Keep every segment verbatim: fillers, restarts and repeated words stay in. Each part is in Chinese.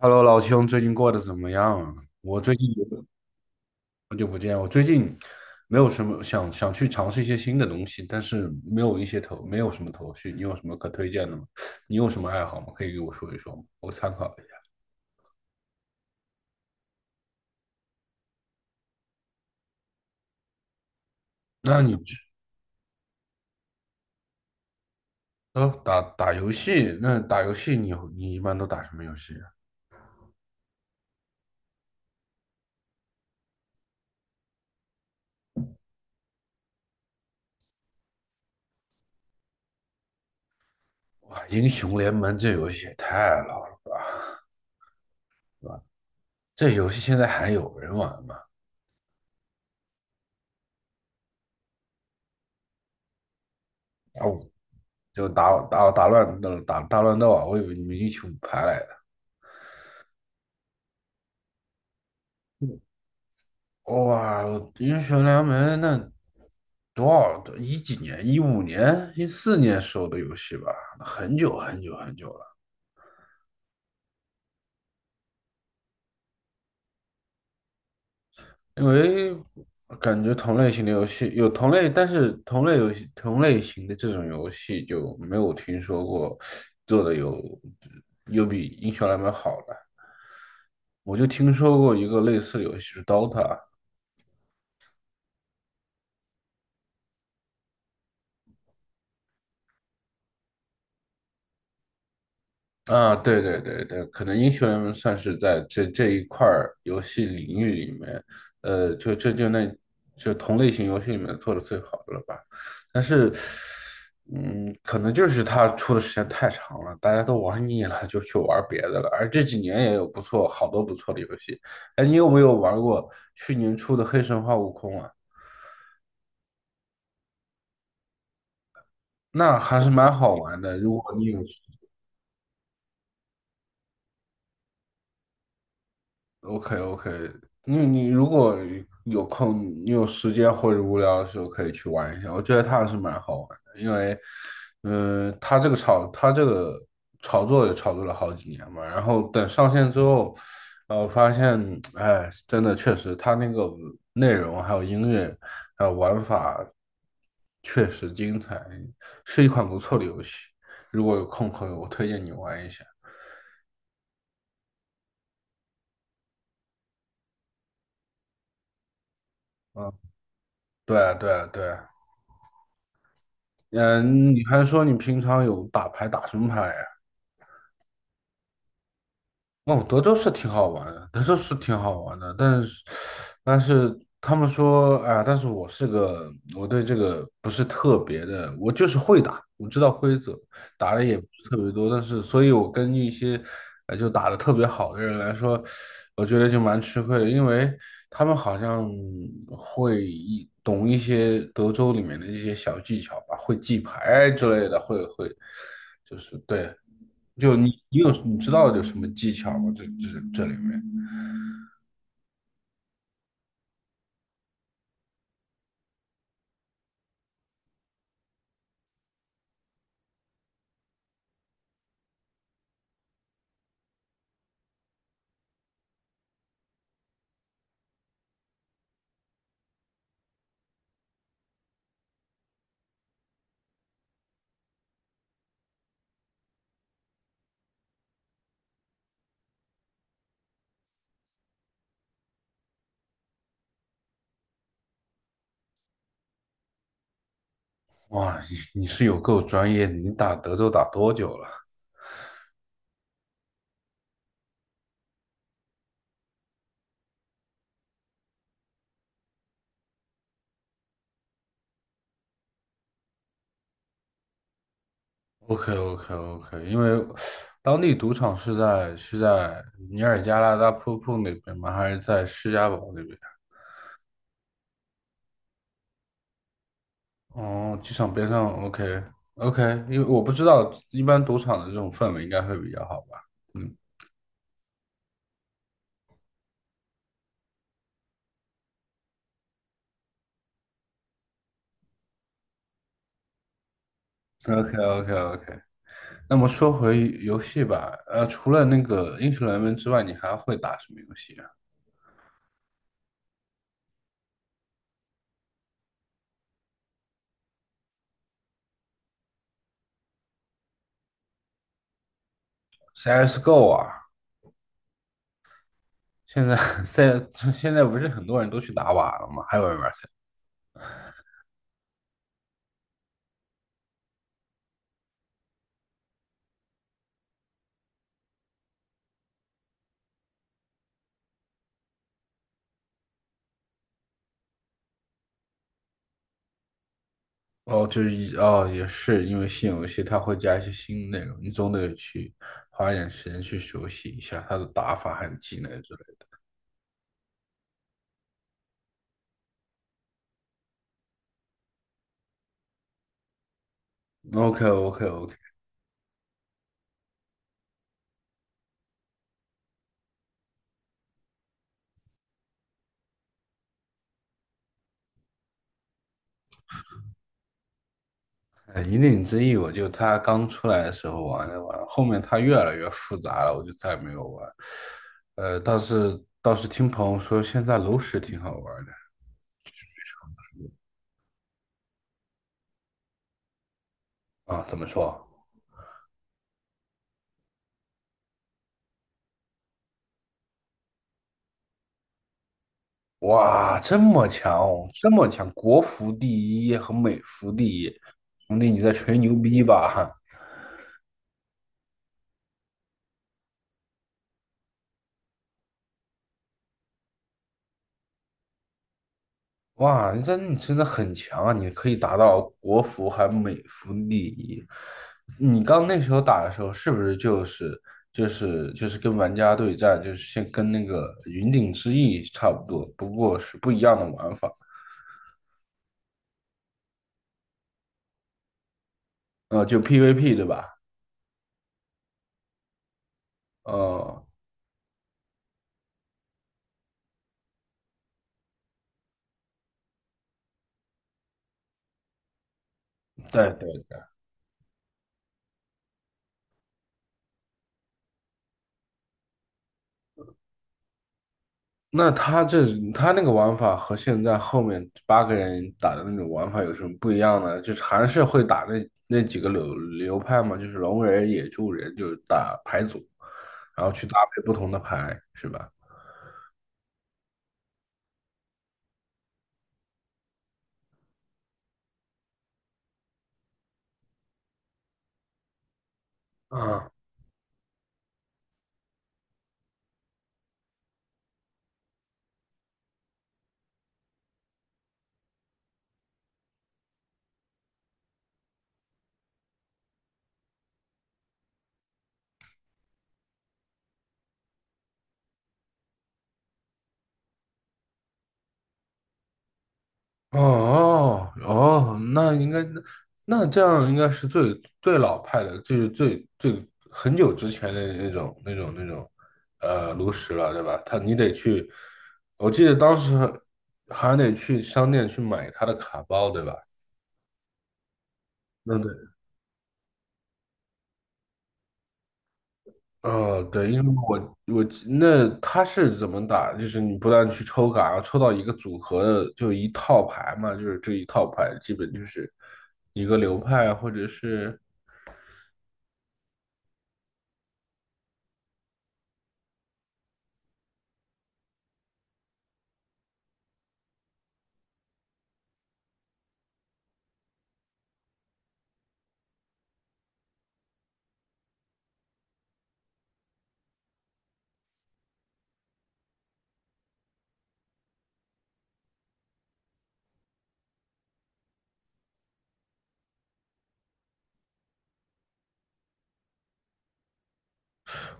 Hello，老兄，最近过得怎么样啊？我最近有好久不见。我最近没有什么想想去尝试一些新的东西，但是没有一些头，没有什么头绪。你有什么可推荐的吗？你有什么爱好吗？可以给我说一说吗？我参考一下。那你知哦，打打游戏。那打游戏你你一般都打什么游戏啊？哇，英雄联盟这游戏也太老了，这游戏现在还有人玩吗？打，我就打打打乱打打乱斗啊！我以为你们英雄排来。哇，英雄联盟那多少一几年？一五年、一四年时候的游戏吧，很久很久很久了。因为感觉同类型的游戏有同类，但是同类游戏、同类型的这种游戏就没有听说过做的有有比英雄联盟好的。我就听说过一个类似的游戏是 Dota。啊，对对对对，可能英雄联盟算是在这这一块儿游戏领域里面。呃，就这就那就同类型游戏里面做的最好的了吧。但是，嗯，可能就是它出的时间太长了，大家都玩腻了，就去玩别的了。而这几年也有不错，好多不错的游戏。哎，你有没有玩过去年出的《黑神话：悟空》啊？那还是蛮好玩的。如果你有 OK OK。你你如果有空，你有时间或者无聊的时候可以去玩一下，我觉得它还是蛮好玩的。因为，嗯、它这个炒它这个炒作也炒作了好几年嘛。然后等上线之后，呃，我发现，哎，真的确实它那个内容还有音乐还有玩法确实精彩，是一款不错的游戏。如果有空可以，我推荐你玩一下。嗯，对啊对啊对啊。嗯，你还说你平常有打牌，打什么牌呀？哦，德州是挺好玩的，德州是挺好玩的。但是，但是他们说，啊，但是我是个，我对这个不是特别的，我就是会打，我知道规则，打的也不是特别多。但是，所以我跟一些，呃，就打的特别好的人来说，我觉得就蛮吃亏的。因为他们好像会一懂一些德州里面的一些小技巧吧，会记牌之类的，会会，就是对。就你你有你知道有什么技巧吗？这这这里面。哇，你你是有够专业，你打德州打多久了？OK OK OK，因为当地赌场是在是在尼尔加拉大瀑布那边吗？还是在施家堡那边？哦，机场边上，OK OK。因为我不知道，一般赌场的这种氛围应该会比较好吧？嗯，OK OK OK。那么说回游戏吧。呃，除了那个英雄联盟之外，你还会打什么游戏啊？C S G O 啊。现在现 现在不是很多人都去打瓦了吗？还有人玩 C S。 哦，就是哦，也是因为新游戏它会加一些新内容，你总得去花一点时间去熟悉一下它的打法还有技能之类的。OK OK OK。呃，引领之弈我就它刚出来的时候玩着玩，后面它越来越复杂了，我就再没有玩。呃，倒是倒是听朋友说现在炉石挺好玩的。啊，怎么说？哇，这么强哦，这么强。国服第一和美服第一，兄弟你在吹牛逼吧？哇，你真你真的很强啊！你可以达到国服还美服第一。你刚那时候打的时候，是不是就是就是就是跟玩家对战，就是先跟那个云顶之弈差不多，不过是不一样的玩法。呃，就 P V P 对吧？呃，对对，那他这他那个玩法和现在后面八个人打的那种玩法有什么不一样呢？就是还是会打那那几个流流派嘛，就是龙人、野猪人，就是打牌组，然后去搭配不同的牌，是吧？啊，哦哦。哦那应该那这样应该是最最老派的，就是最最很久之前的那种那种那种呃炉石了，对吧？他你得去，我记得当时还得去商店去买他的卡包，对吧？那对。呃，对，因为我我那他是怎么打？就是你不断去抽卡，然后抽到一个组合的，就一套牌嘛，就是这一套牌基本就是一个流派啊或者是。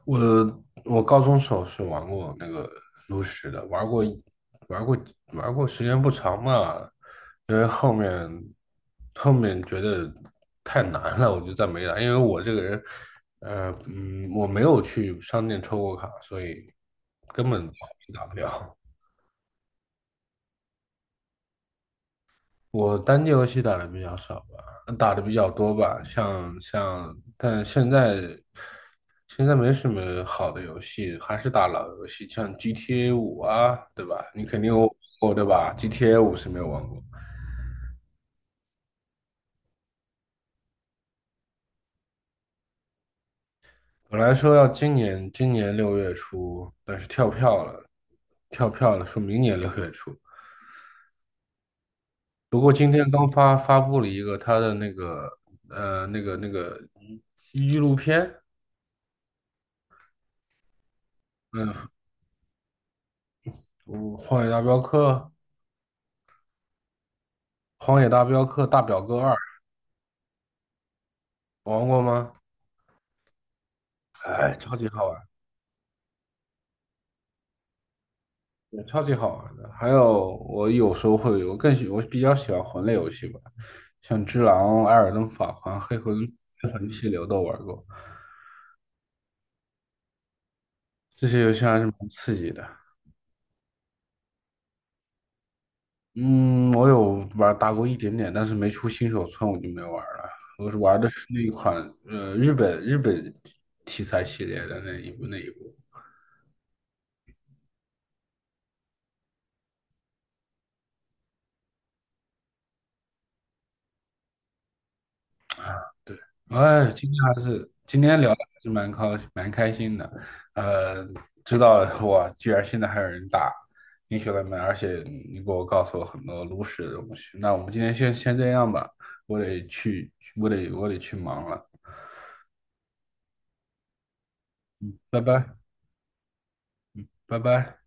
我我高中时候是玩过那个炉石的，玩过一玩过玩过，时间不长嘛，因为后面后面觉得太难了，我就再没打。因为我这个人，呃嗯，我没有去商店抽过卡，所以根本打不了。我单机游戏打的比较少吧，打的比较多吧，像像。但现在现在没什么好的游戏，还是打老游戏，像 G T A 五啊，对吧？你肯定有玩过，对吧？G T A 五是没有玩过。本来说要今年今年六月初，但是跳票了，跳票了，说明年六月初。不过今天刚发发布了一个他的那个呃那个那个纪录片。嗯，我荒野大镖客》《荒野大镖客大表哥二》玩过吗？哎，超级好玩，也超级好玩的。还有，我有时候会，我更喜，我比较喜欢魂类游戏吧，像《只狼》《艾尔登法环》《黑魂》《黑魂七六》都玩过，这些游戏还是蛮刺激的。嗯，我有玩打过一点点，但是没出新手村我就没玩了。我是玩的是那一款呃日本日本题材系列的那一部那一部。哎，今天还是今天聊的还是蛮开蛮开心的。呃，知道哇，居然现在还有人打英雄联盟，而且你给我告诉我很多炉石的东西。那我们今天先先这样吧，我得去，我得我得去忙了。拜拜，拜拜。